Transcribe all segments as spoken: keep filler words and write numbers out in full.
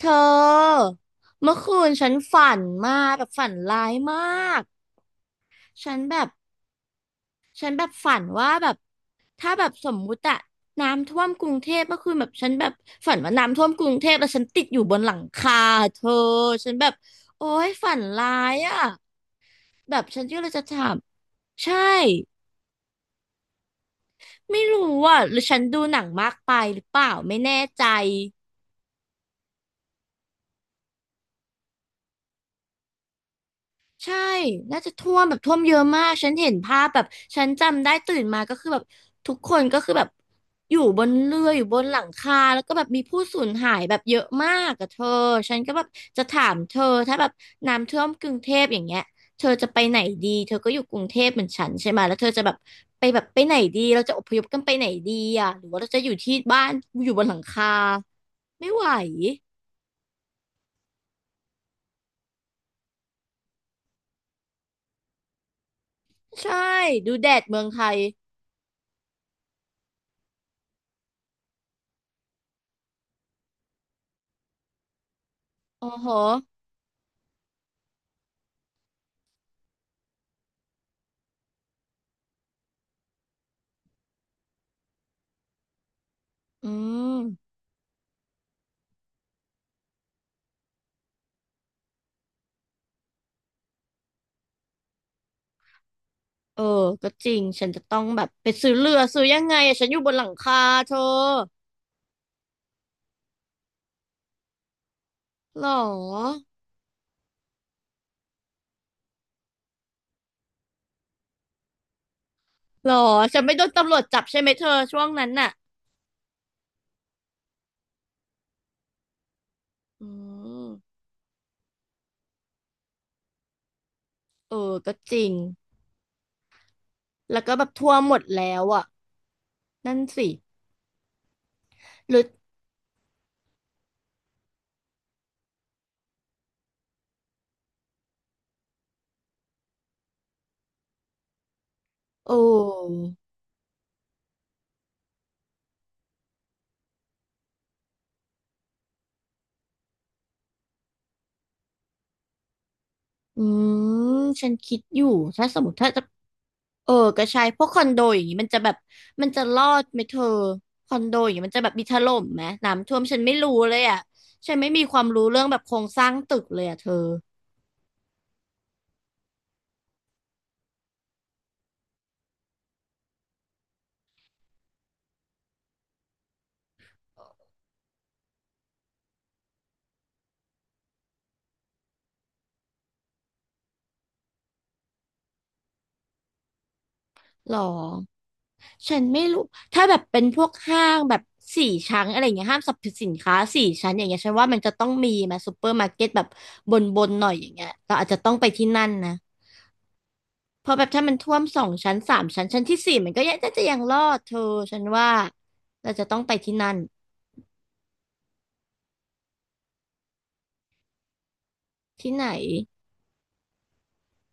เธอเมื่อคืนฉันฝันมากแบบฝันร้ายมากฉันแบบฉันแบบฝันว่าแบบถ้าแบบสมมุติอะน้ำท่วมกรุงเทพเมื่อคืนแบบฉันแบบฝันว่าน้ำท่วมกรุงเทพแล้วฉันติดอยู่บนหลังคาเธอฉันแบบโอ๊ยฝันร้ายอะแบบฉันก็เลยจะถามใช่ไม่รู้อ่ะหรือฉันดูหนังมากไปหรือเปล่าไม่แน่ใจ ใช่น่าจะท่วมแบบท่วมเยอะมากฉันเห็นภาพแบบ ฉันจำได้ตื่นมาก็คือแบบทุกคนก็คือแบบอยู่บนเรืออยู่บนหลังคาแล้วก็แบบมีผู้สูญหายแบบเยอะมากอะเธอฉันก็แบบจะถามเธอถ้าแบบน้ำท่วมกรุงเทพอย่างเงี้ยเธอจะไปไหนดี เธอก็อยู่กรุงเทพเหมือนฉันใช่ไหมแล้วเธอจะแบบไปแบบไปไหนดีเราจะอพยพกันไปไหนดีอะหรือว่าเราจะอยู่ที่บ้านอยู่บนหลังคาไม่ไหวใช่ดูแดดเมืองไทยอ๋อโหอืม เออก็จริงฉันจะต้องแบบไปซื้อเรือซื้อยังไงอะฉันอยู่บนหลังคาเธอหรอหรอฉันไม่โดนตำรวจจับใช่ไหมเธอช่วงนั้นน่ะอืมเออก็จริงแล้วก็แบบทั่วหมดแล้วอ่ะนั่นสิหรือโอ้อืมฉันคิดอยู่ถ้าสมมติถ้าจะเออก็ใช่พวกคอนโดอย่างนี้มันจะแบบมันจะรอดไหมเธอคอนโดอย่างนี้มันจะแบบมีถล่มไหมน้ำท่วมฉันไม่รู้เลยอ่ะฉันไม่มีความรู้เรื่องแบบโครงสร้างตึกเลยอ่ะเธอ หรอฉันไม่รู้ถ้าแบบเป็นพวกห้างแบบสี่ชั้นอะไรอย่างเงี้ยห้างสรรพสินค้าสี่ชั้นอย่างเงี้ยฉันว่ามันจะต้องมีมาซูเปอร์มาร์เก็ตแบบบนบนหน่อยอย่างเงี้ยเราอาจจะต้องไปที่นั่นนะเพราะแบบถ้ามันท่วมสองชั้นสามชั้นชั้นที่สี่มันก็ยังจะจะยังรอดเธอฉันว่าเราจะต้องไปที่นั่นที่ไหน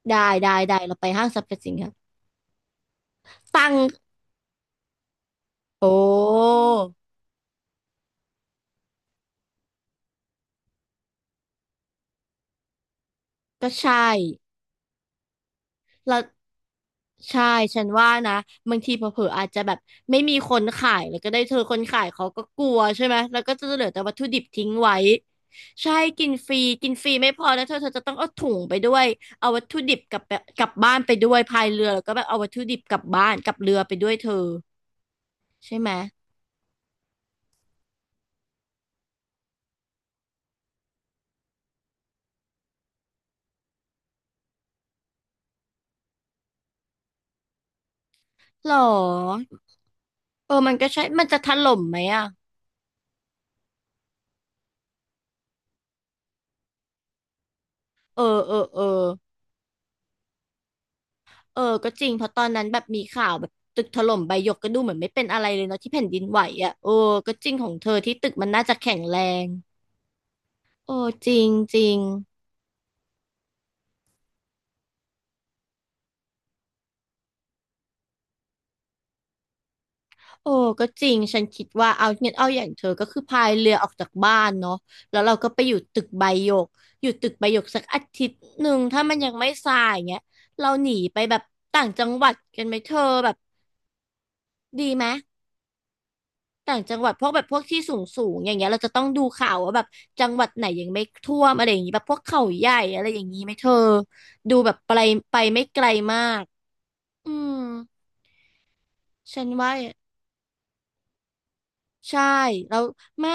ได้ได้ได้เราไปห้างสรรพสินค้าตังโอ้ก็ใช่ แล้วใช่ฉันว่านะบางทีเผลอๆอาจจะแบบไม่มีคนขายแล้วก็ได้เธอคนขายเขาก็กลัวใช่ไหมแล้วก็จะเหลือแต่วัตถุดิบทิ้งไว้ใช่กินฟรีกินฟรีไม่พอนะเธอเธอจะต้องเอาถุงไปด้วยเอาวัตถุดิบกลับไปกลับบ้านไปด้วยพายเรือแล้วก็แบบเอาวัตถุดิบกลับบ้านกลับเรือไปด้วยเธอใช่ไหมหรอเออมันก็ใช่มันจะถล่มไหมอ่ะเออเออเออ เออก็จริงเพราะตอนนั้นแบบมีข่าวแบบตึกถล่มใบหยกก็ดูเหมือนไม่เป็นอะไรเลยเนาะที่แผ่นดินไหวอ่ะโอ้ก็จริงของเธอที่ตึกมันน่าจะแข็งแรงโอ้จริงจริงโอ้ก็จริงฉันคิดว่าเอาเงี้ยเอาอย่างเธอก็คือพายเรือออกจากบ้านเนาะแล้วเราก็ไปอยู่ตึกใบหยกอยู่ตึกใบหยกสักอาทิตย์หนึ่งถ้ามันยังไม่ทรายเงี้ยเราหนีไปแบบต่างจังหวัดกันไหมเธอแบบดีไหม ต่างจังหวัดพวกแบบพวกที่สูงสูงอย่างเงี้ยเราจะต้องดูข่าวว่าแบบจังหวัดไหนยังไม่ท่วมอะไรอย่างงี้แบบพวกเขาใหญ่อะไรอย่างงี้ไหมเธอดูแบบไปไปไม่ไกลมากอืมฉันว่าใช่แล้วไม่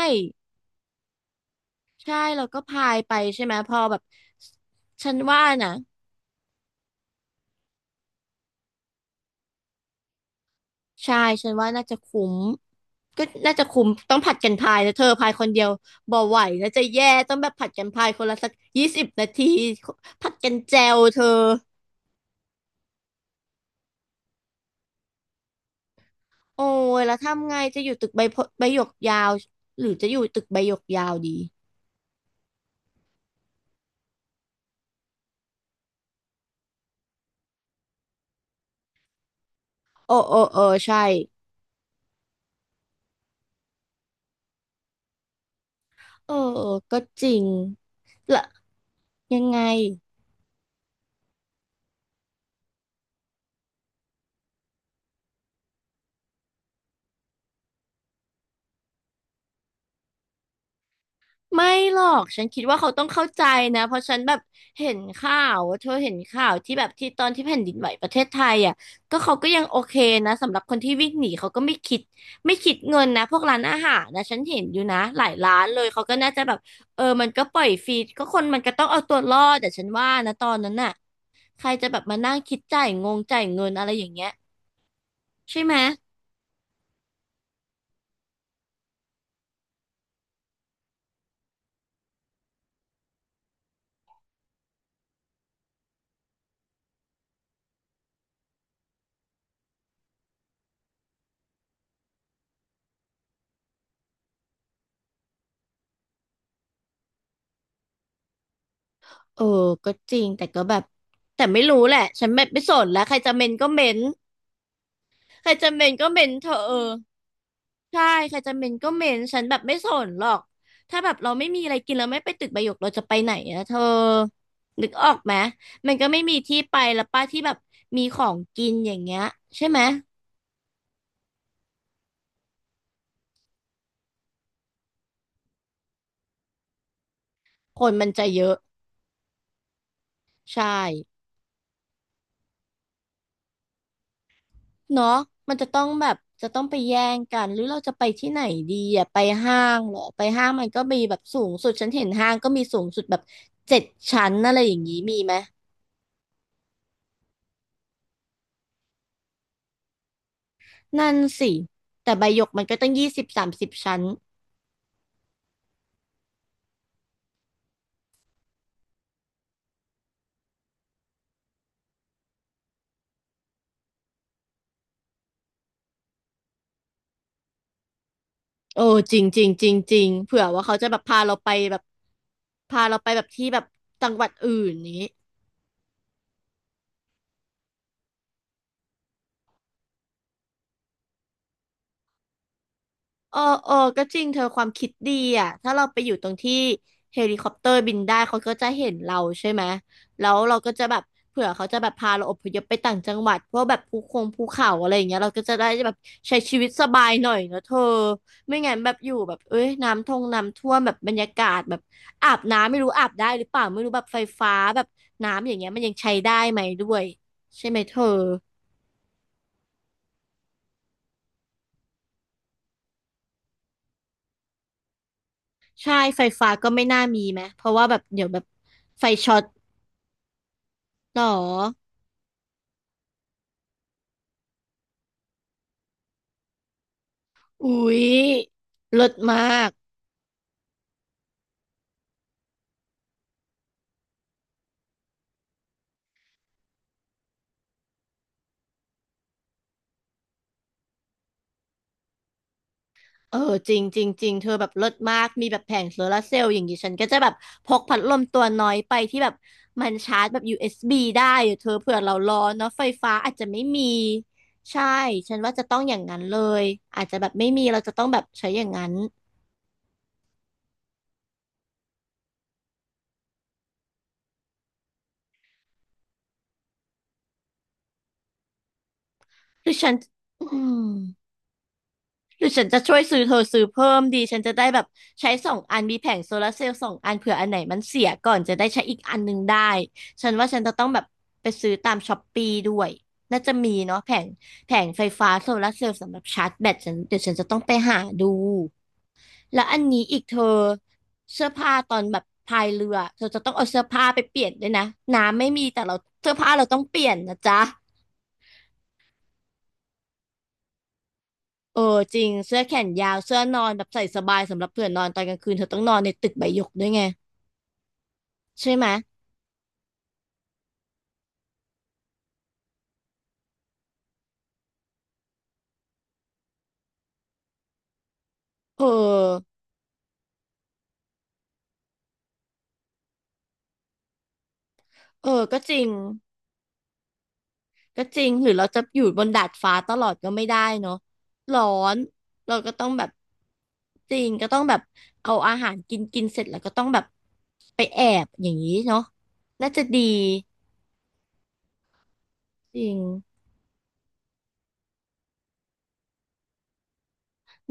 ใช่เราก็พายไปใช่ไหมพอแบบฉันว่านะใช่ฉันว่าน่าจะคุ้มก็น่าจะคุ้มต้องผัดกันพายนะเธอพายคนเดียวบ่ไหวนะจะแย่ต้องแบบผัดกันพายคนละสักยี่สิบนาทีผัดกันแจวเธอ โอ้ยแล้วทำไงจะอยู่ตึกใบพใบหยกยาวหรือจะอยู่ตึกใบหยกยาวดีโอ้โอ้เออใช่เออก็จริงละยังไงไม่หรอกฉันคิดว่าเขาต้องเข้าใจนะเพราะฉันแบบเห็นข่าวว่าเธอเห็นข่าวที่แบบที่ตอนที่แผ่นดินไหวประเทศไทยอ่ะก็เขาก็ยังโอเคนะสำหรับคนที่วิ่งหนีเขาก็ไม่คิดไม่คิดเงินนะพวกร้านอาหารนะฉันเห็นอยู่นะหลายร้านเลยเขาก็น่าจะแบบเออมันก็ปล่อยฟรีก็คนมันก็ต้องเอาตัวรอดแต่ฉันว่านะตอนนั้นน่ะ ใครจะแบบมานั่งคิดจ่ายงงจ่ายเงินอะไรอย่างเงี้ยใช่ไหมเออก็จริงแต่ก็แบบแต่ไม่รู้แหละฉันไม่ไม่สนแล้วใครจะเมนก็เมนใครจะเมนก็เมนเธอะเออใช่ใครจะเมนก็เมนฉันแบบไม่สนหรอกถ้าแบบเราไม่มีอะไรกินเราไม่ไปตึกใบหยกเราจะไปไหนอะเธอนึกออกไหมมันก็ไม่มีที่ไปแล้วป้าที่แบบมีของกินอย่างเงี้ยใช่ไหมคนมันจะเยอะใช่ เนาะมันจะต้องแบบจะต้องไปแย่งกันหรือเราจะไปที่ไหนดีอ่ะไปห้างเหรอไปห้างมันก็มีแบบสูงสุดฉันเห็นห้างก็มีสูงสุดแบบเจ็ดชั้นอะไรอย่างนี้มีไหมนั่นสิแต่ใบหยกมันก็ตั้งยี่สิบสามสิบชั้นโอ้จริงจริงจริงจริงเผื่อว่าเขาจะแบบพาเราไปแบบพาเราไปแบบที่แบบจังหวัดอื่นนี้ เออเออก็จริงเธอความคิดดีอ่ะถ้าเราไปอยู่ตรงที่เฮลิคอปเตอร์บินได้เขาก็จะเห็นเราใช่ไหม แล้วเราก็จะแบบเผื่อเขาจะแบบพาเราอพยพไปต่างจังหวัด เพราะแบบภูคงภูเขาอะไรอย่างเงี้ยเราก็จะได้แบบใช้ชีวิตสบายหน่อยเนอะเธอ ไม่งั้นแบบอยู่แบบเอ้ยน้ำท่วมน้ำท่วมแบบบรรยากาศแบบอาบน้ำไม่รู้อาบได้หรือเปล่าไม่รู้แบบไฟฟ้าแบบน้ำอย่างเงี้ยมันยังใช้ได้ไหมด้วยใช่ไหมเธอใช่ไฟฟ้าก็ไม่น่ามีไหมเพราะว่าแบบเดี๋ยวแบบไฟช็อต หรออุ๊ยเลิศมากเออจริงจริงจริงเธอแบบเลิศมากมีแบบแผงโซลาร์เซลล์อย่างนี้ฉันก็จะแบบพกพัดลมตัวน้อยไปที่แบบมันชาร์จแบบ ยู เอส บี ได้เดเธอเผื่อเราร้อนเนาะไฟฟ้าอาจจะไม่มีใช่ ฉันว่าจะต้องอย่างนั้นเลย อาจจะแบบไม่มีเราจะต้องแบบใช้อย่างนั้นคือฉันอืม หรือฉันจะช่วยซื้อเธอซื้อเพิ่มดีฉันจะได้แบบใช้สองอันมีแผงโซลาร์เซลล์สองอันเผื่ออันไหนมันเสียก่อนจะได้ใช้อีกอันหนึงได้ฉันว่าฉันจะต้องแบบไปซื้อตามช้อปปี้ด้วยน่าจะมีเนาะแผงแผงไฟฟ้าโซลาร์เซลล์สำหรับชาร์จแบตฉันเดี๋ยวฉันจะต้องไปหาดูแล้วอันนี้อีกเธอเสื้อผ้าตอนแบบพายเรือเธอจะต้องเอาเสื้อผ้าไปเปลี่ยนด้วยนะน้ำไม่มีแต่เราเสื้อผ้าเราต้องเปลี่ยนนะจ๊ะ เออจริงเสื้อแขนยาวเสื้อนอนแบบใส่สบายสำหรับเผื่อนอนตอนกลางคืนเธอต้องนอนในตึกใบหยกด้วยไงใช่ไหมเออเออก็จริงก็จริงหรือเราจะอยู่บนดาดฟ้าตลอดก็ไม่ได้เนาะร้อนเราก็ต้องแบบจริงก็ต้องแบบเอาอาหารกินกินเสร็จแล้วก็ต้องแบบไปแอบอย่างนี้เนาะน่าจะดีจริง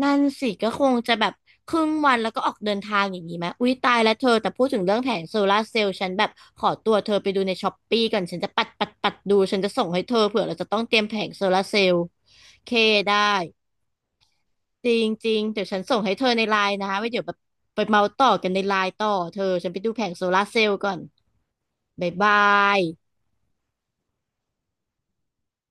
นั่นสิก็คงจะแบบครึ่งวันแล้วก็ออกเดินทางอย่างนี้ไหม อุ๊ยตายแล้วเธอแต่พูดถึงเรื่องแผงโซลาร์เซลล์ฉันแบบขอตัวเธอไปดูในช้อปปี้ก่อนฉันจะปัดปัดปัดดูฉันจะส่งให้เธอเผื่อเราจะต้องเตรียมแผงโซลาร์เซลล์เคได้จริงจริงเดี๋ยวฉันส่งให้เธอในไลน์นะไว้เดี๋ยวแบบไปเมาต่อกันในไลน์ต่อเธอฉันไปดูแผงโซลาร์เซลล์ก่อนบ๊ายบาย